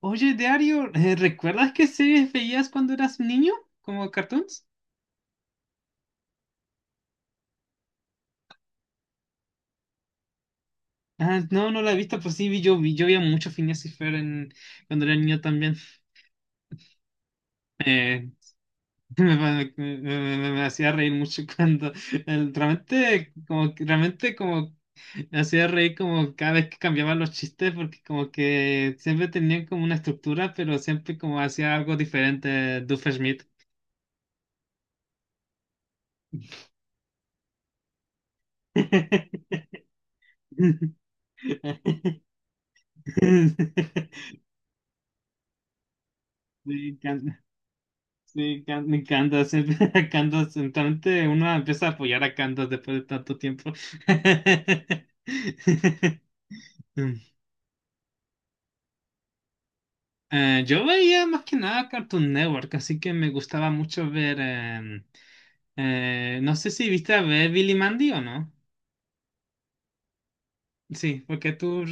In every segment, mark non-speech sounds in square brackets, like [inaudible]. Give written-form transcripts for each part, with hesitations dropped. Oye, Dario, ¿recuerdas qué series veías cuando eras niño? ¿Como cartoons? Ah, no, no la he visto, pero sí, yo veía mucho Phineas y Fer en, cuando era niño también. Eh, [laughs] me, me- me- me hacía reír mucho [laughs] cuando realmente como me hacía reír como cada vez que cambiaban los chistes, porque como que siempre tenían como una estructura, pero siempre como hacía algo diferente Schmidt. [laughs] [laughs] Me encanta. Sí, me encanta. Siempre a Candace. [laughs] Entonces uno empieza a apoyar a Candace después de tanto tiempo. [laughs] Mm. Yo veía más que nada Cartoon Network, así que me gustaba mucho ver, no sé si viste a ver Billy Mandy o no. Sí, porque tú.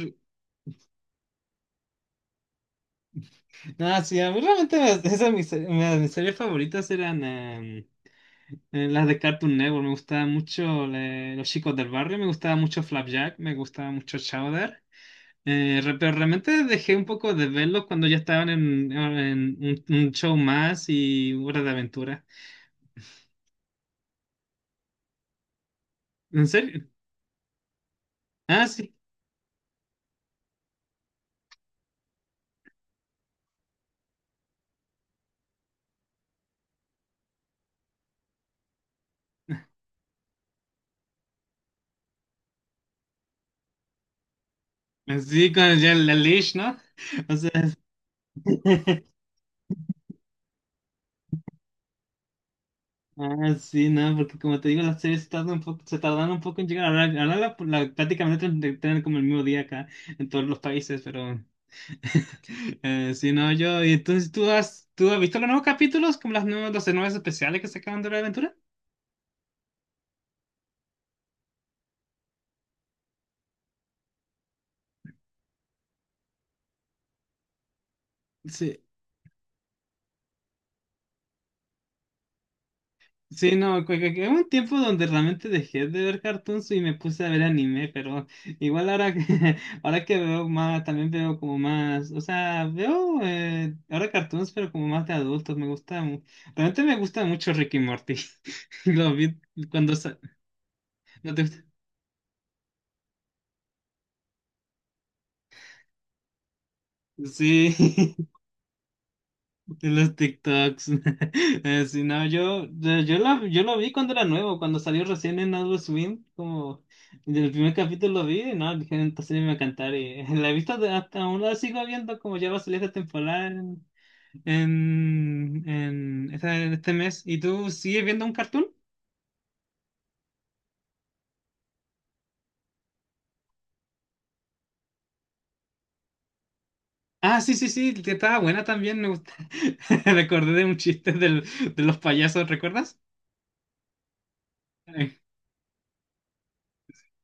No, sí, a mí realmente mis series favoritas eran, las de Cartoon Network. Me gustaba mucho, Los Chicos del Barrio, me gustaba mucho Flapjack, me gustaba mucho Chowder. Pero realmente dejé un poco de verlos cuando ya estaban en, un show más y Hora de Aventura. ¿En serio? Ah, sí. Sí, con ya la leash, ¿no? [laughs] O sea, [laughs] ah, sí, no, porque como te digo, las series tardan un poco, se tardan un poco en llegar. Ahora prácticamente tienen como el mismo día acá en todos los países, pero [laughs] sí, no, yo. Y entonces, tú has visto los nuevos capítulos, como los nuevos especiales que sacaron de Hora de Aventura? Sí. Sí, no, que hubo un tiempo donde realmente dejé de ver cartoons y me puse a ver anime, pero igual ahora que, [laughs] ahora que veo más, también veo como más, o sea, veo, ahora cartoons, pero como más de adultos. Me gusta, realmente me gusta mucho Ricky Morty. [laughs] Lo vi cuando, sa- ¿no te gusta? Sí. [laughs] De los TikToks. [laughs] Sí, no, yo lo vi cuando era nuevo, cuando salió recién en Adult Swim, como el primer capítulo lo vi, y no, dije, "esta serie me va a encantar", y [laughs] la he visto, hasta aún la sigo viendo, como ya va a salir esta temporada en, en este mes. ¿Y tú sigues viendo un cartoon? Ah, sí, sí, sí, que estaba buena también, me gusta. [laughs] Recordé de un chiste de los payasos, ¿recuerdas?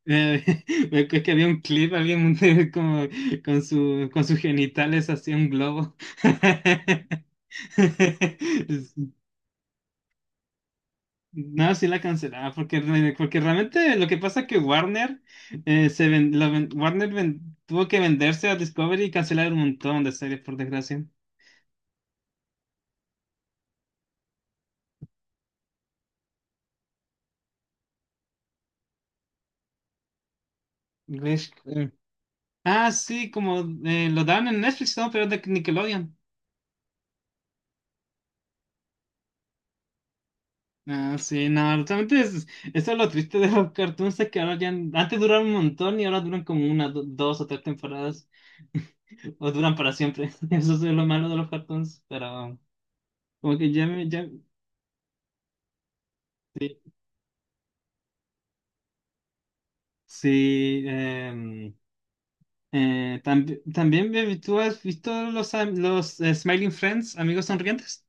Eh, [laughs] me acuerdo que había un clip, había un [laughs] como con con sus genitales hacía un globo. [laughs] No, sí la cancelaba, porque, porque realmente lo que pasa es que Warner, se ven- la ven- Warner ven- tuvo que venderse a Discovery y cancelar un montón de series, por desgracia. Ves- eh, Ah, sí, como, lo dan en Netflix, ¿no? Pero es de Nickelodeon. Ah, sí, no, eso es lo triste de los cartoons, es que ahora ya, antes duraron un montón y ahora duran como dos o tres temporadas, [laughs] o duran para siempre. [laughs] Eso es lo malo de los cartoons, pero como que ya sí, también, baby, ¿tú has visto los, am- los Smiling Friends, amigos sonrientes?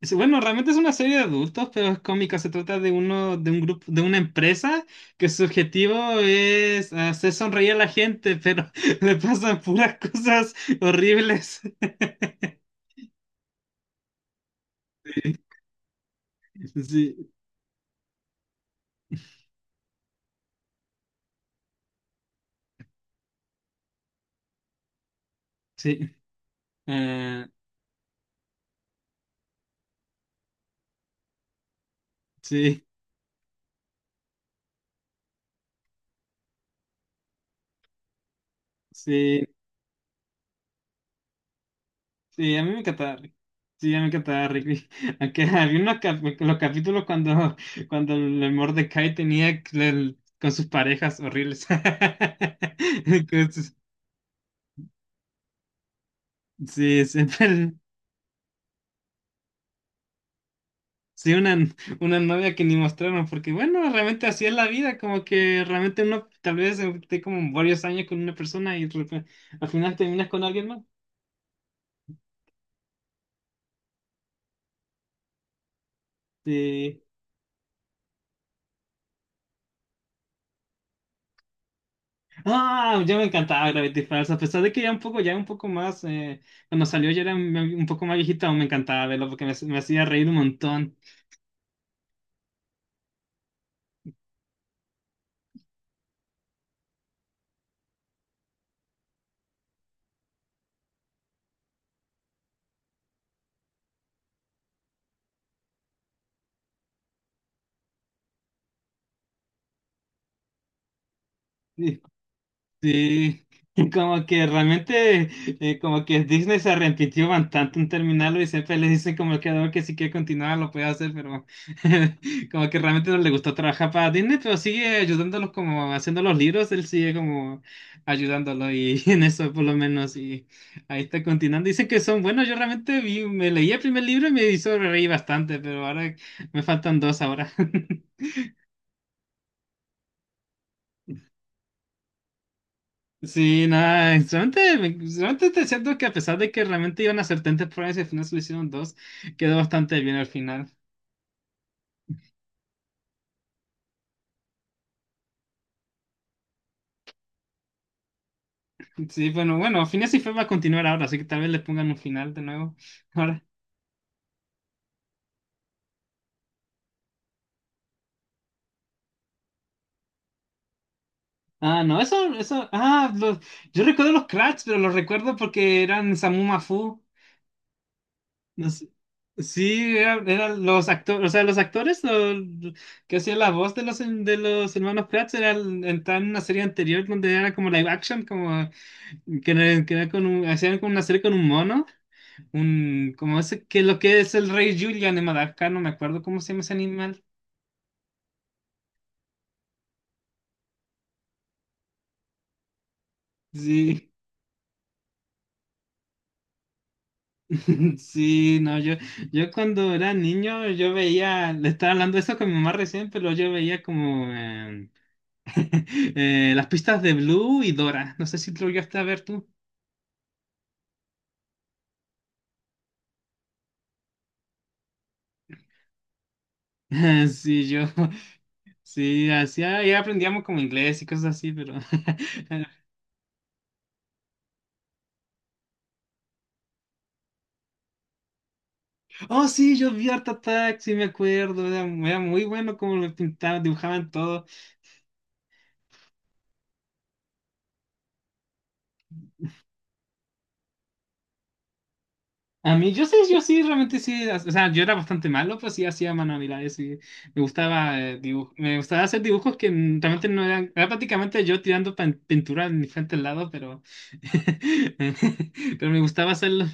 Bueno, realmente es una serie de adultos, pero es cómica. Se trata de uno, de un grupo, de una empresa que su objetivo es hacer sonreír a la gente, pero [laughs] le pasan puras cosas horribles. [laughs] Sí, sí, eh, sí, sí, sí, a mí me encantaba Rick. Sí, a mí me encantaba Rick. [laughs] Aunque había los capítulos cuando, el Mordecai tenía con sus parejas horribles. [laughs] Con sus- Sí, siempre. Sí, una novia que ni mostraron, porque bueno, realmente así es la vida. Como que realmente uno tal vez, esté como varios años con una persona y al final terminas con alguien más. Sí. Ah, ya me encantaba Gravity Falls. A pesar de que ya un poco más, cuando salió ya era un poco más viejita, aún me encantaba verlo porque me hacía reír un montón. Sí, [laughs] como que realmente, como que Disney se arrepintió bastante en terminarlo y siempre le dicen como que, no, que si quiere continuar lo puede hacer, pero [laughs] como que realmente no le gustó trabajar para Disney, pero sigue ayudándolos como haciendo los libros. Él sigue como ayudándolo y [laughs] en eso por lo menos, y ahí está continuando. Dicen que son buenos. Me leí el primer libro y me hizo reír bastante, pero ahora me faltan dos ahora. [laughs] Sí, nada, solamente, te siento que, a pesar de que realmente iban a hacer tantas pruebas y al final solo hicieron dos, quedó bastante bien al final. Sí, bueno, bueno, Phineas y Ferb va a continuar ahora, así que tal vez le pongan un final de nuevo. [laughs] Ahora. Ah, no, eso, ah, yo recuerdo los Kratts, pero los recuerdo porque eran Samu Mafu. No sé. Sí, eran los actores, o sea, los actores que hacían la voz de los, hermanos Kratts, era entraron en una serie anterior donde era como live action, como que era con un, hacían como una serie con un mono, un, como ese, que lo que es el rey Julian de Madagascar, no me acuerdo cómo se llama ese animal. Sí, [laughs] sí, no, yo cuando era niño, le estaba hablando de eso con mi mamá recién, pero yo veía como, [laughs] las pistas de Blue y Dora, no sé si lo llegaste a ver tú. [laughs] Sí, sí, hacía, ya aprendíamos como inglés y cosas así, pero [laughs] oh, sí, yo vi Art Attack, sí me acuerdo, era muy bueno como lo pintaban, dibujaban todo. A mí, yo sí, yo sí, realmente sí, o sea, yo era bastante malo, pero sí hacía manualidades y me gustaba hacer dibujos que, realmente no eran, era prácticamente yo tirando pintura en diferentes lados, pero [laughs] pero me gustaba hacerlo.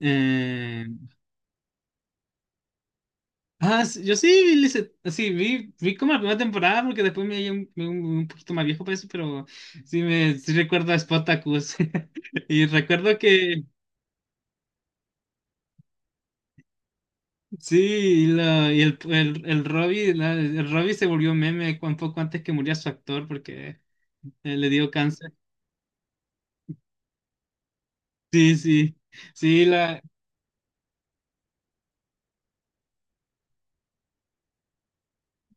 eh, Ah, sí, yo sí vi, vi como la primera temporada, porque después me vi poquito más viejo para eso, pero sí recuerdo a Spartacus. [laughs] Y recuerdo que sí, el Robbie se volvió meme un poco antes que muriera su actor, porque le dio cáncer. Sí, sí, sí, la,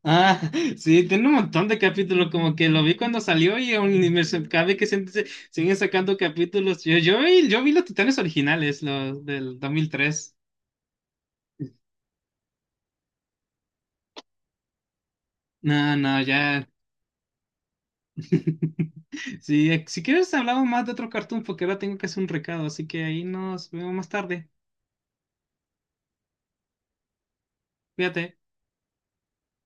ah, [laughs] sí, tiene un montón de capítulos, como que lo vi cuando salió y aún ni me se- cada vez que siguen sacando capítulos. Yo vi los Titanes originales, los del 2003. No, no, ya. [laughs] Sí, si quieres hablamos más de otro cartoon porque ahora tengo que hacer un recado, así que ahí nos vemos más tarde. Cuídate.